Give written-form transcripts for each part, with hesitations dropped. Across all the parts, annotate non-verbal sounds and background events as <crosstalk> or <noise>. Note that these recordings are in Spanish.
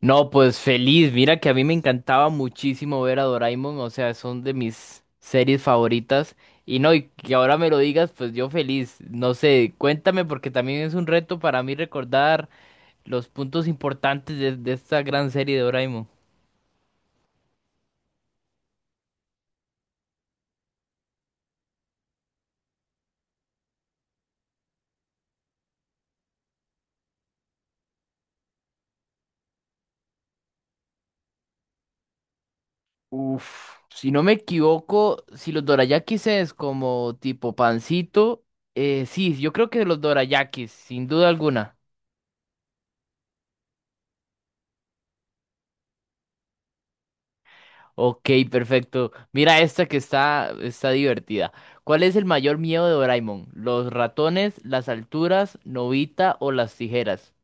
No, pues feliz. Mira que a mí me encantaba muchísimo ver a Doraemon, o sea, son de mis series favoritas. Y no, y que ahora me lo digas, pues yo feliz. No sé, cuéntame porque también es un reto para mí recordar los puntos importantes de esta gran serie de Doraemon. Uf, si no me equivoco, si los dorayakis es como tipo pancito, sí, yo creo que los dorayakis, sin duda alguna. Ok, perfecto. Mira esta que está divertida. ¿Cuál es el mayor miedo de Doraemon? ¿Los ratones, las alturas, Novita o las tijeras?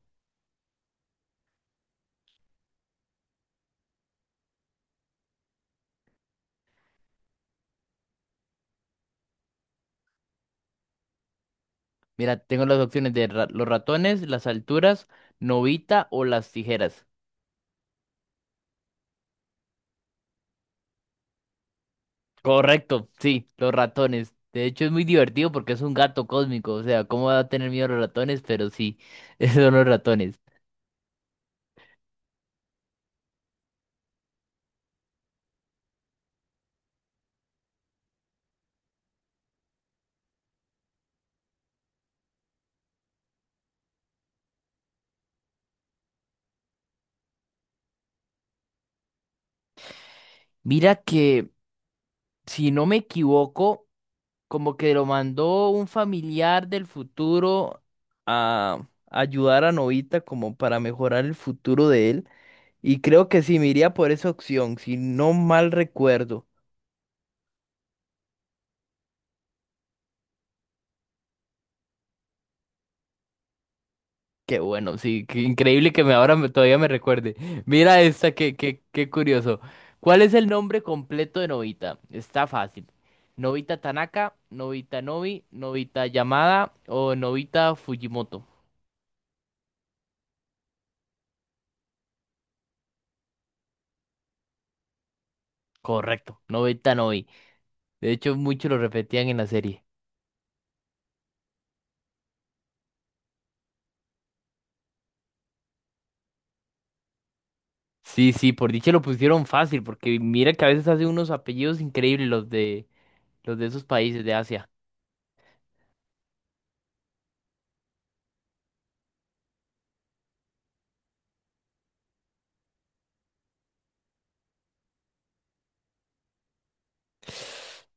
Mira, tengo las opciones de los ratones, las alturas, Novita o las tijeras. Correcto, sí, los ratones. De hecho, es muy divertido porque es un gato cósmico. O sea, ¿cómo va a tener miedo a los ratones? Pero sí, <laughs> esos son los ratones. Mira que, si no me equivoco, como que lo mandó un familiar del futuro a ayudar a Novita como para mejorar el futuro de él. Y creo que sí, me iría por esa opción, si no mal recuerdo. Qué bueno, sí, qué increíble que todavía me recuerde. <laughs> Mira esta, qué curioso. ¿Cuál es el nombre completo de Novita? Está fácil. Novita Tanaka, Novita Novi, Novita Yamada o Novita Fujimoto. Correcto, Novita Novi. De hecho, muchos lo repetían en la serie. Sí, sí, por dicha lo pusieron fácil, porque mira que a veces hacen unos apellidos increíbles los de esos países de Asia.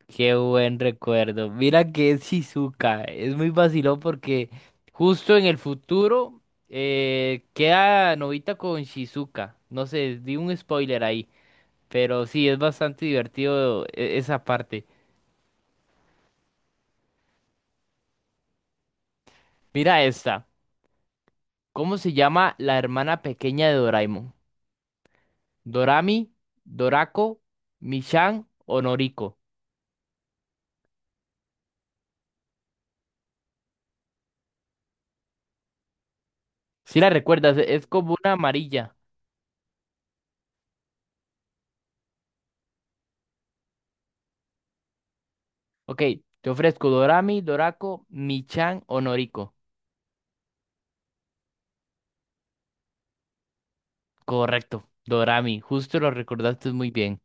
Qué buen recuerdo. Mira que es Shizuka. Es muy vacilón porque justo en el futuro queda Novita con Shizuka. No sé, di un spoiler ahí. Pero sí, es bastante divertido esa parte. Mira esta. ¿Cómo se llama la hermana pequeña de Doraemon? Dorami, Dorako, Michan o Noriko. Si la recuerdas, es como una amarilla. Ok, te ofrezco Dorami, Dorako, Michan o Noriko. Correcto, Dorami, justo lo recordaste muy bien.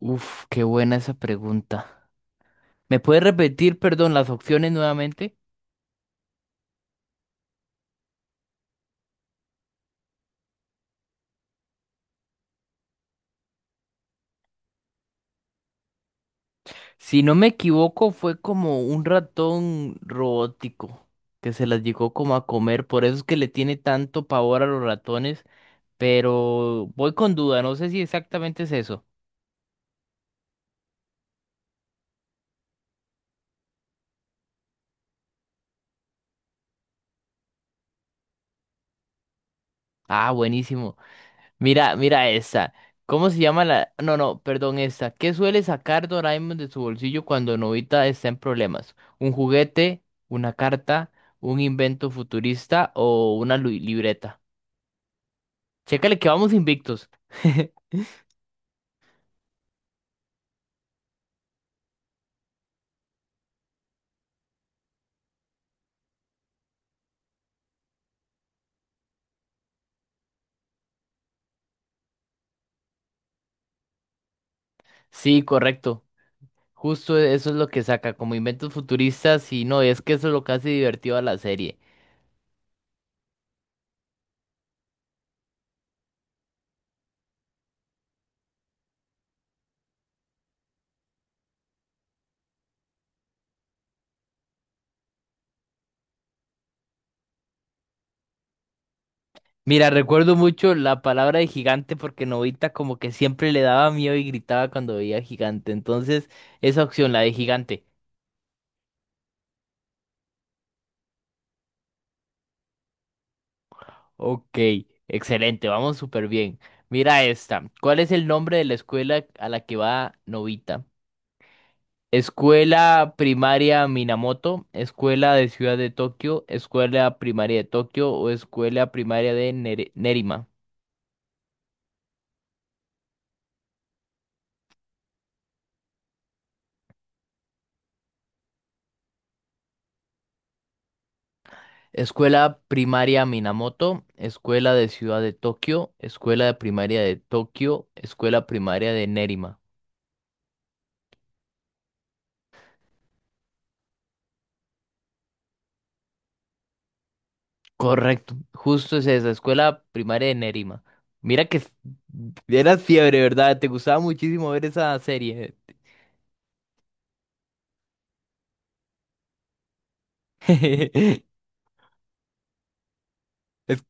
Uf, qué buena esa pregunta. ¿Me puedes repetir, perdón, las opciones nuevamente? Si no me equivoco, fue como un ratón robótico que se las llegó como a comer, por eso es que le tiene tanto pavor a los ratones, pero voy con duda, no sé si exactamente es eso. Ah, buenísimo. Mira esta. ¿Cómo se llama la...? No, no, perdón, esta. ¿Qué suele sacar Doraemon de su bolsillo cuando Novita está en problemas? ¿Un juguete, una carta, un invento futurista o una libreta? Chécale que vamos invictos. <laughs> Sí, correcto. Justo eso es lo que saca como inventos futuristas y no, es que eso es lo que hace divertido a la serie. Mira, recuerdo mucho la palabra de gigante porque Novita como que siempre le daba miedo y gritaba cuando veía gigante. Entonces, esa opción, la de gigante. Ok, excelente, vamos súper bien. Mira esta. ¿Cuál es el nombre de la escuela a la que va Novita? Escuela Primaria Minamoto, Escuela de Ciudad de Tokio, Escuela Primaria de Tokio o Escuela Primaria de Nerima. Escuela Primaria Minamoto, Escuela de Ciudad de Tokio, Escuela de Primaria de Tokio, Escuela Primaria de Nerima. Correcto, justo es esa, Escuela Primaria de Nerima. Mira que era fiebre, ¿verdad? Te gustaba muchísimo ver esa serie. <laughs> Es-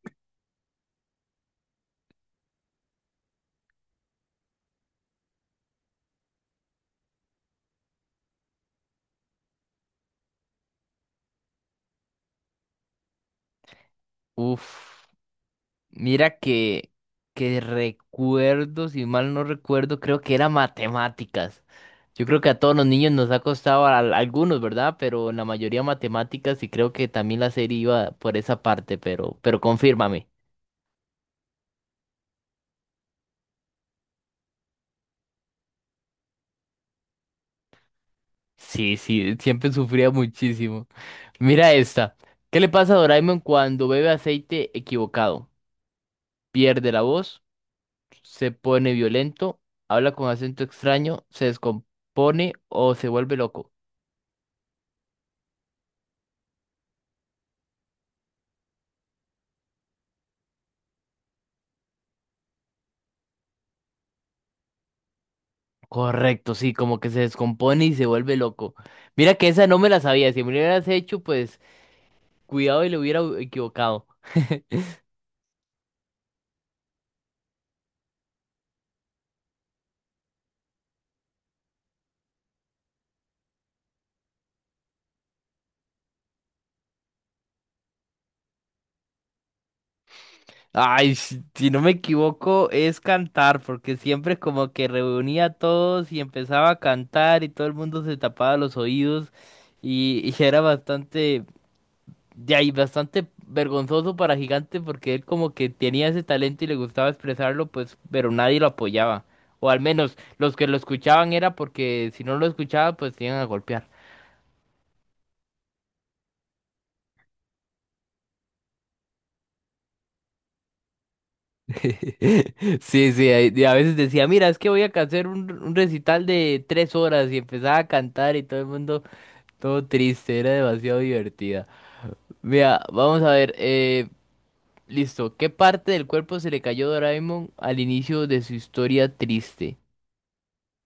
Uf. Mira que recuerdo, si mal no recuerdo, creo que era matemáticas. Yo creo que a todos los niños nos ha costado a algunos, ¿verdad? Pero la mayoría matemáticas y creo que también la serie iba por esa parte, pero confírmame. Sí, sí, siempre sufría muchísimo. Mira esta. ¿Qué le pasa a Doraemon cuando bebe aceite equivocado? Pierde la voz, se pone violento, habla con acento extraño, se descompone o se vuelve loco. Correcto, sí, como que se descompone y se vuelve loco. Mira que esa no me la sabía. Si me la hubieras hecho, pues cuidado y le hubiera equivocado. Ay, si no me equivoco, es cantar, porque siempre como que reunía a todos y empezaba a cantar y todo el mundo se tapaba los oídos y era bastante. De ahí bastante vergonzoso para Gigante porque él como que tenía ese talento y le gustaba expresarlo, pues, pero nadie lo apoyaba. O al menos los que lo escuchaban era porque si no lo escuchaba, pues te iban a golpear. <laughs> Sí, sí, ahí- y a veces decía, mira, es que voy a hacer un recital de 3 horas y empezaba a cantar y todo el mundo todo triste, era demasiado divertida. Mira, vamos a ver, listo, ¿qué parte del cuerpo se le cayó a Doraemon al inicio de su historia triste?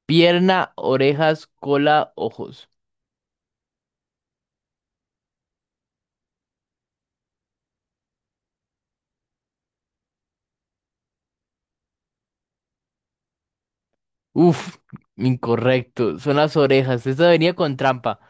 Pierna, orejas, cola, ojos. Uf, incorrecto. Son las orejas. Esta venía con trampa.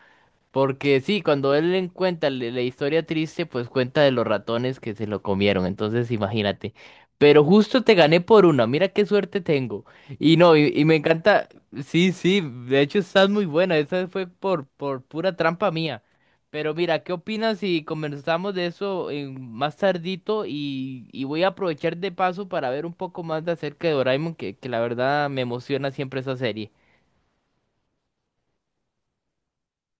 Porque sí, cuando él le cuenta la historia triste, pues cuenta de los ratones que se lo comieron. Entonces, imagínate. Pero justo te gané por una. Mira qué suerte tengo. Y no, y me encanta. Sí, sí, de hecho estás muy buena. Esa fue por pura trampa mía. Pero mira, ¿qué opinas si conversamos de eso más tardito? Y voy a aprovechar de paso para ver un poco más de acerca de Doraemon, que la verdad me emociona siempre esa serie.